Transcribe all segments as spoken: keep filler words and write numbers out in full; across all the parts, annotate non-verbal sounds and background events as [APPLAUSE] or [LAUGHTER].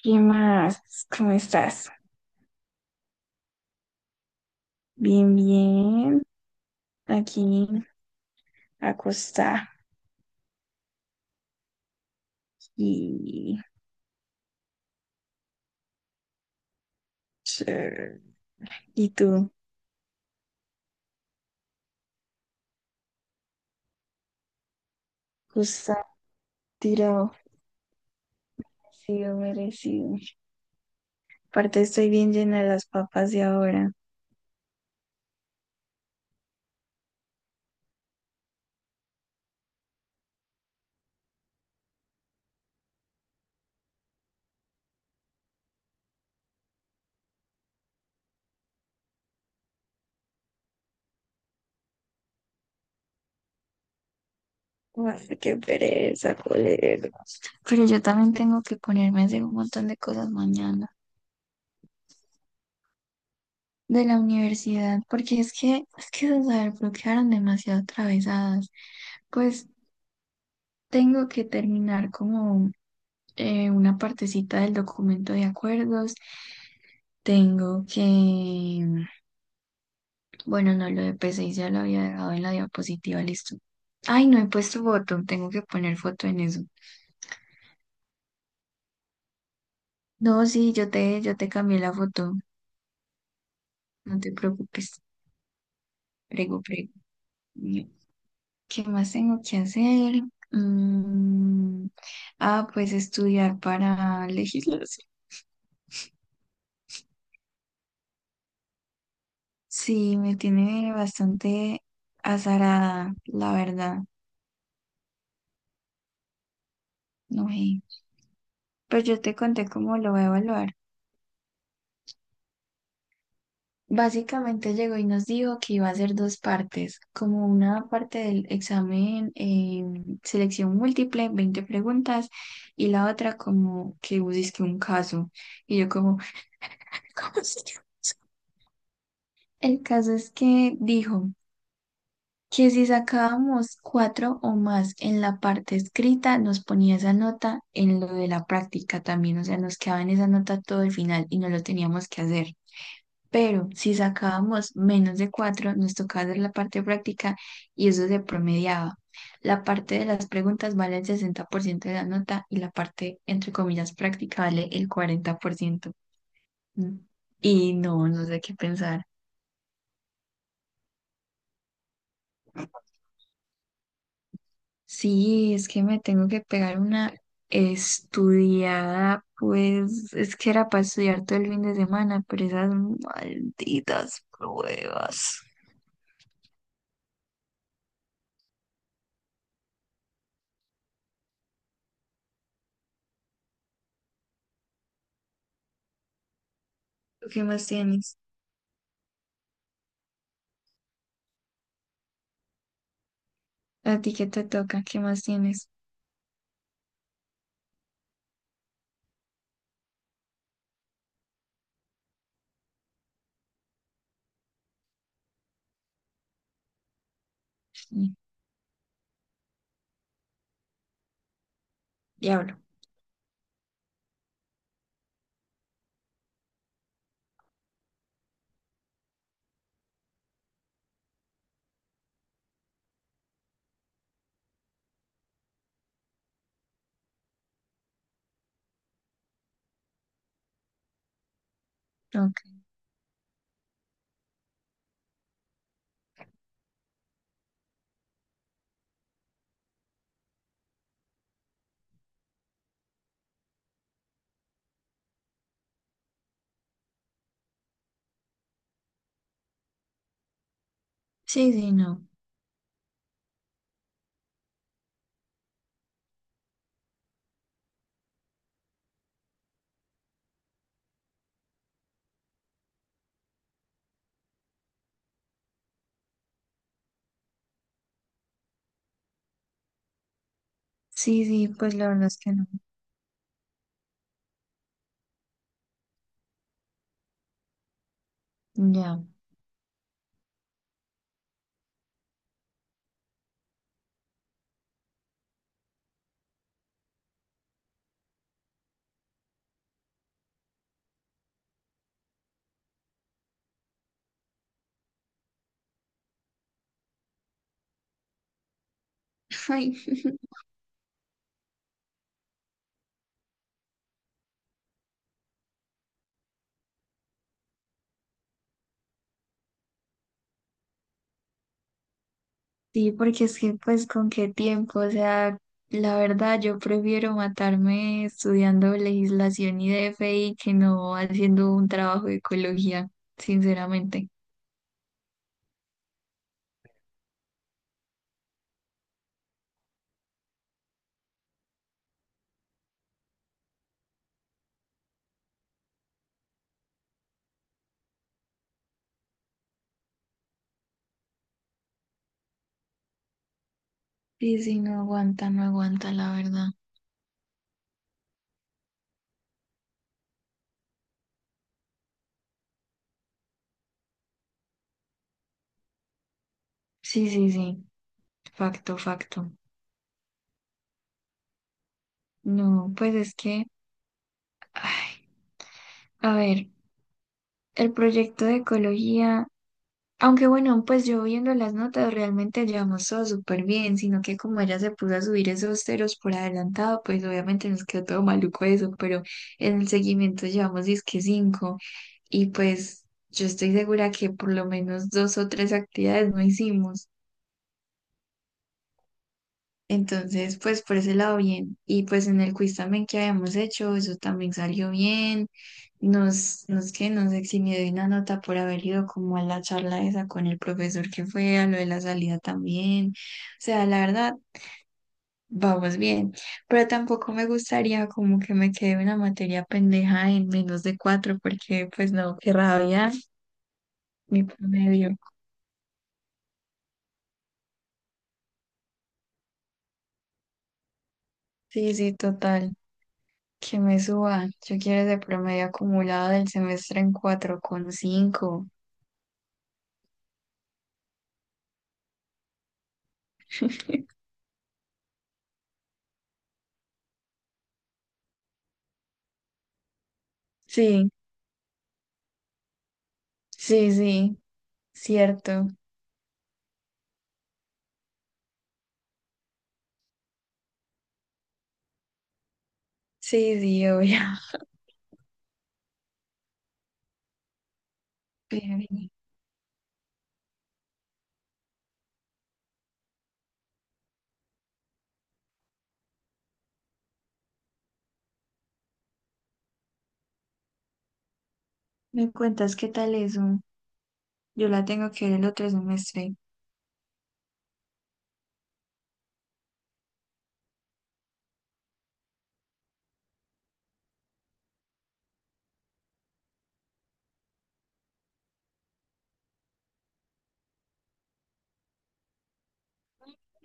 ¿Qué más? ¿Cómo estás? Bien, bien. Aquí, acostada. Y, chévere. ¿Y tú? Acostada, tirado. Merecido, merecido. Aparte, estoy bien llena de las papas de ahora. Ay, qué pereza, colega. Pero yo también tengo que ponerme a hacer un montón de cosas mañana de la universidad, porque es que, es que esas bloquearon demasiado atravesadas. Pues tengo que terminar como eh, una partecita del documento de acuerdos. Tengo que, bueno, no, lo de P C I ya lo había dejado en la diapositiva, listo. Ay, no he puesto foto, tengo que poner foto en eso. No, sí, yo te, yo te cambié la foto, no te preocupes, prego, prego. ¿Qué más tengo que hacer? Mm, ah, pues estudiar para [LAUGHS] legislación. Sí, me tiene bastante azarada, la verdad. No sé. Pues yo te conté cómo lo voy a evaluar. Básicamente llegó y nos dijo que iba a hacer dos partes, como una parte del examen eh, selección múltiple, veinte preguntas, y la otra como que busque un caso. Y yo como, [LAUGHS] ¿cómo se llama eso? El caso es que dijo que si sacábamos cuatro o más en la parte escrita, nos ponía esa nota en lo de la práctica también, o sea, nos quedaba en esa nota todo el final y no lo teníamos que hacer. Pero si sacábamos menos de cuatro, nos tocaba hacer la parte práctica y eso se promediaba. La parte de las preguntas vale el sesenta por ciento de la nota y la parte, entre comillas, práctica vale el cuarenta por ciento. Mm. Y no, no sé qué pensar. Sí, es que me tengo que pegar una estudiada, pues es que era para estudiar todo el fin de semana, pero esas malditas pruebas. ¿Tú ¿Qué más tienes? ¿A ti qué te toca? ¿Qué más tienes? Sí. Diablo. Ok. Sí, sí, no. Sí, sí, pues la verdad es que no. Ya. [LAUGHS] Ay, sí, porque es que pues con qué tiempo, o sea, la verdad yo prefiero matarme estudiando legislación y D F I que no haciendo un trabajo de ecología, sinceramente. Sí, sí, no aguanta, no aguanta, la verdad. Sí, sí, sí, facto, facto. No, pues es que, ay, a ver, el proyecto de ecología. Aunque bueno, pues yo viendo las notas realmente llevamos todo súper bien, sino que como ella se puso a subir esos ceros por adelantado, pues obviamente nos quedó todo maluco eso, pero en el seguimiento llevamos disque cinco y pues yo estoy segura que por lo menos dos o tres actividades no hicimos. Entonces, pues por ese lado bien. Y pues en el quiz también que habíamos hecho, eso también salió bien. Nos, nos que nos eximió de una nota por haber ido como a la charla esa con el profesor que fue, a lo de la salida también. O sea, la verdad, vamos bien. Pero tampoco me gustaría como que me quede una materia pendeja en menos de cuatro, porque pues no, qué rabia, mi promedio. Sí, sí, total. Que me suba. Yo quiero ese promedio acumulado del semestre en cuatro coma cinco. Sí, sí, sí, cierto. Sí, sí, obvio. [LAUGHS] Pero vení, ¿me cuentas qué tal eso? Yo la tengo que ver el otro semestre.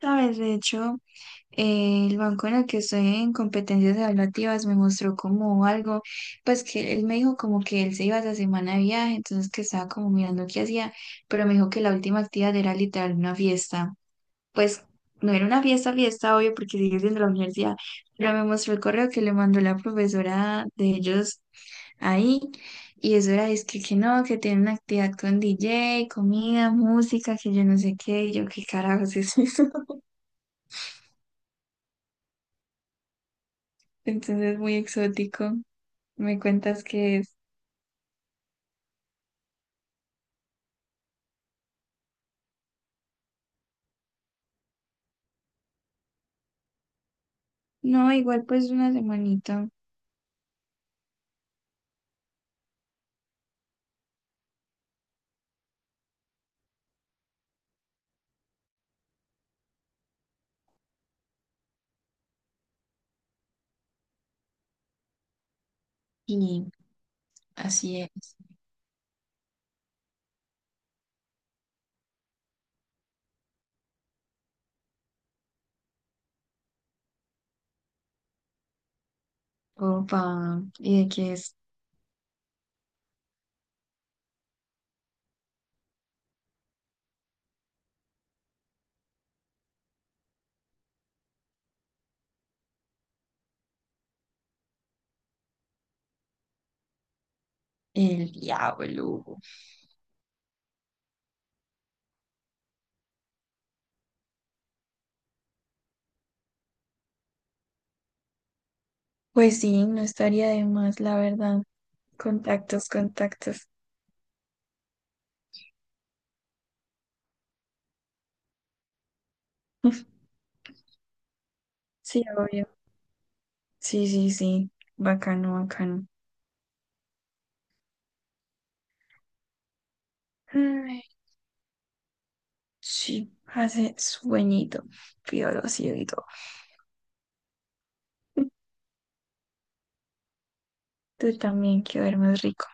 Sabes, de hecho, eh, el banco en el que estoy en competencias evaluativas me mostró como algo, pues que él me dijo como que él se iba esa semana de viaje, entonces que estaba como mirando qué hacía, pero me dijo que la última actividad era literal una fiesta. Pues no era una fiesta, fiesta, obvio, porque sigue siendo la universidad, pero me mostró el correo que le mandó la profesora de ellos ahí, y eso era, es que, que no, que tiene una actividad con D J, comida, música, que yo no sé qué, y yo qué carajos es eso. [LAUGHS] Entonces, muy exótico. Me cuentas que es. No, igual pues una semanita y así es. Opa, ¿y de que es? El diablo. Pues sí, no estaría de más, la verdad. Contactos, contactos. [LAUGHS] Sí, obvio. Sí, sí, sí. Bacano, bacano. Ay, sí, hace sueñito, piolosito y todo. [LAUGHS] Tú también, quiero ver más rico.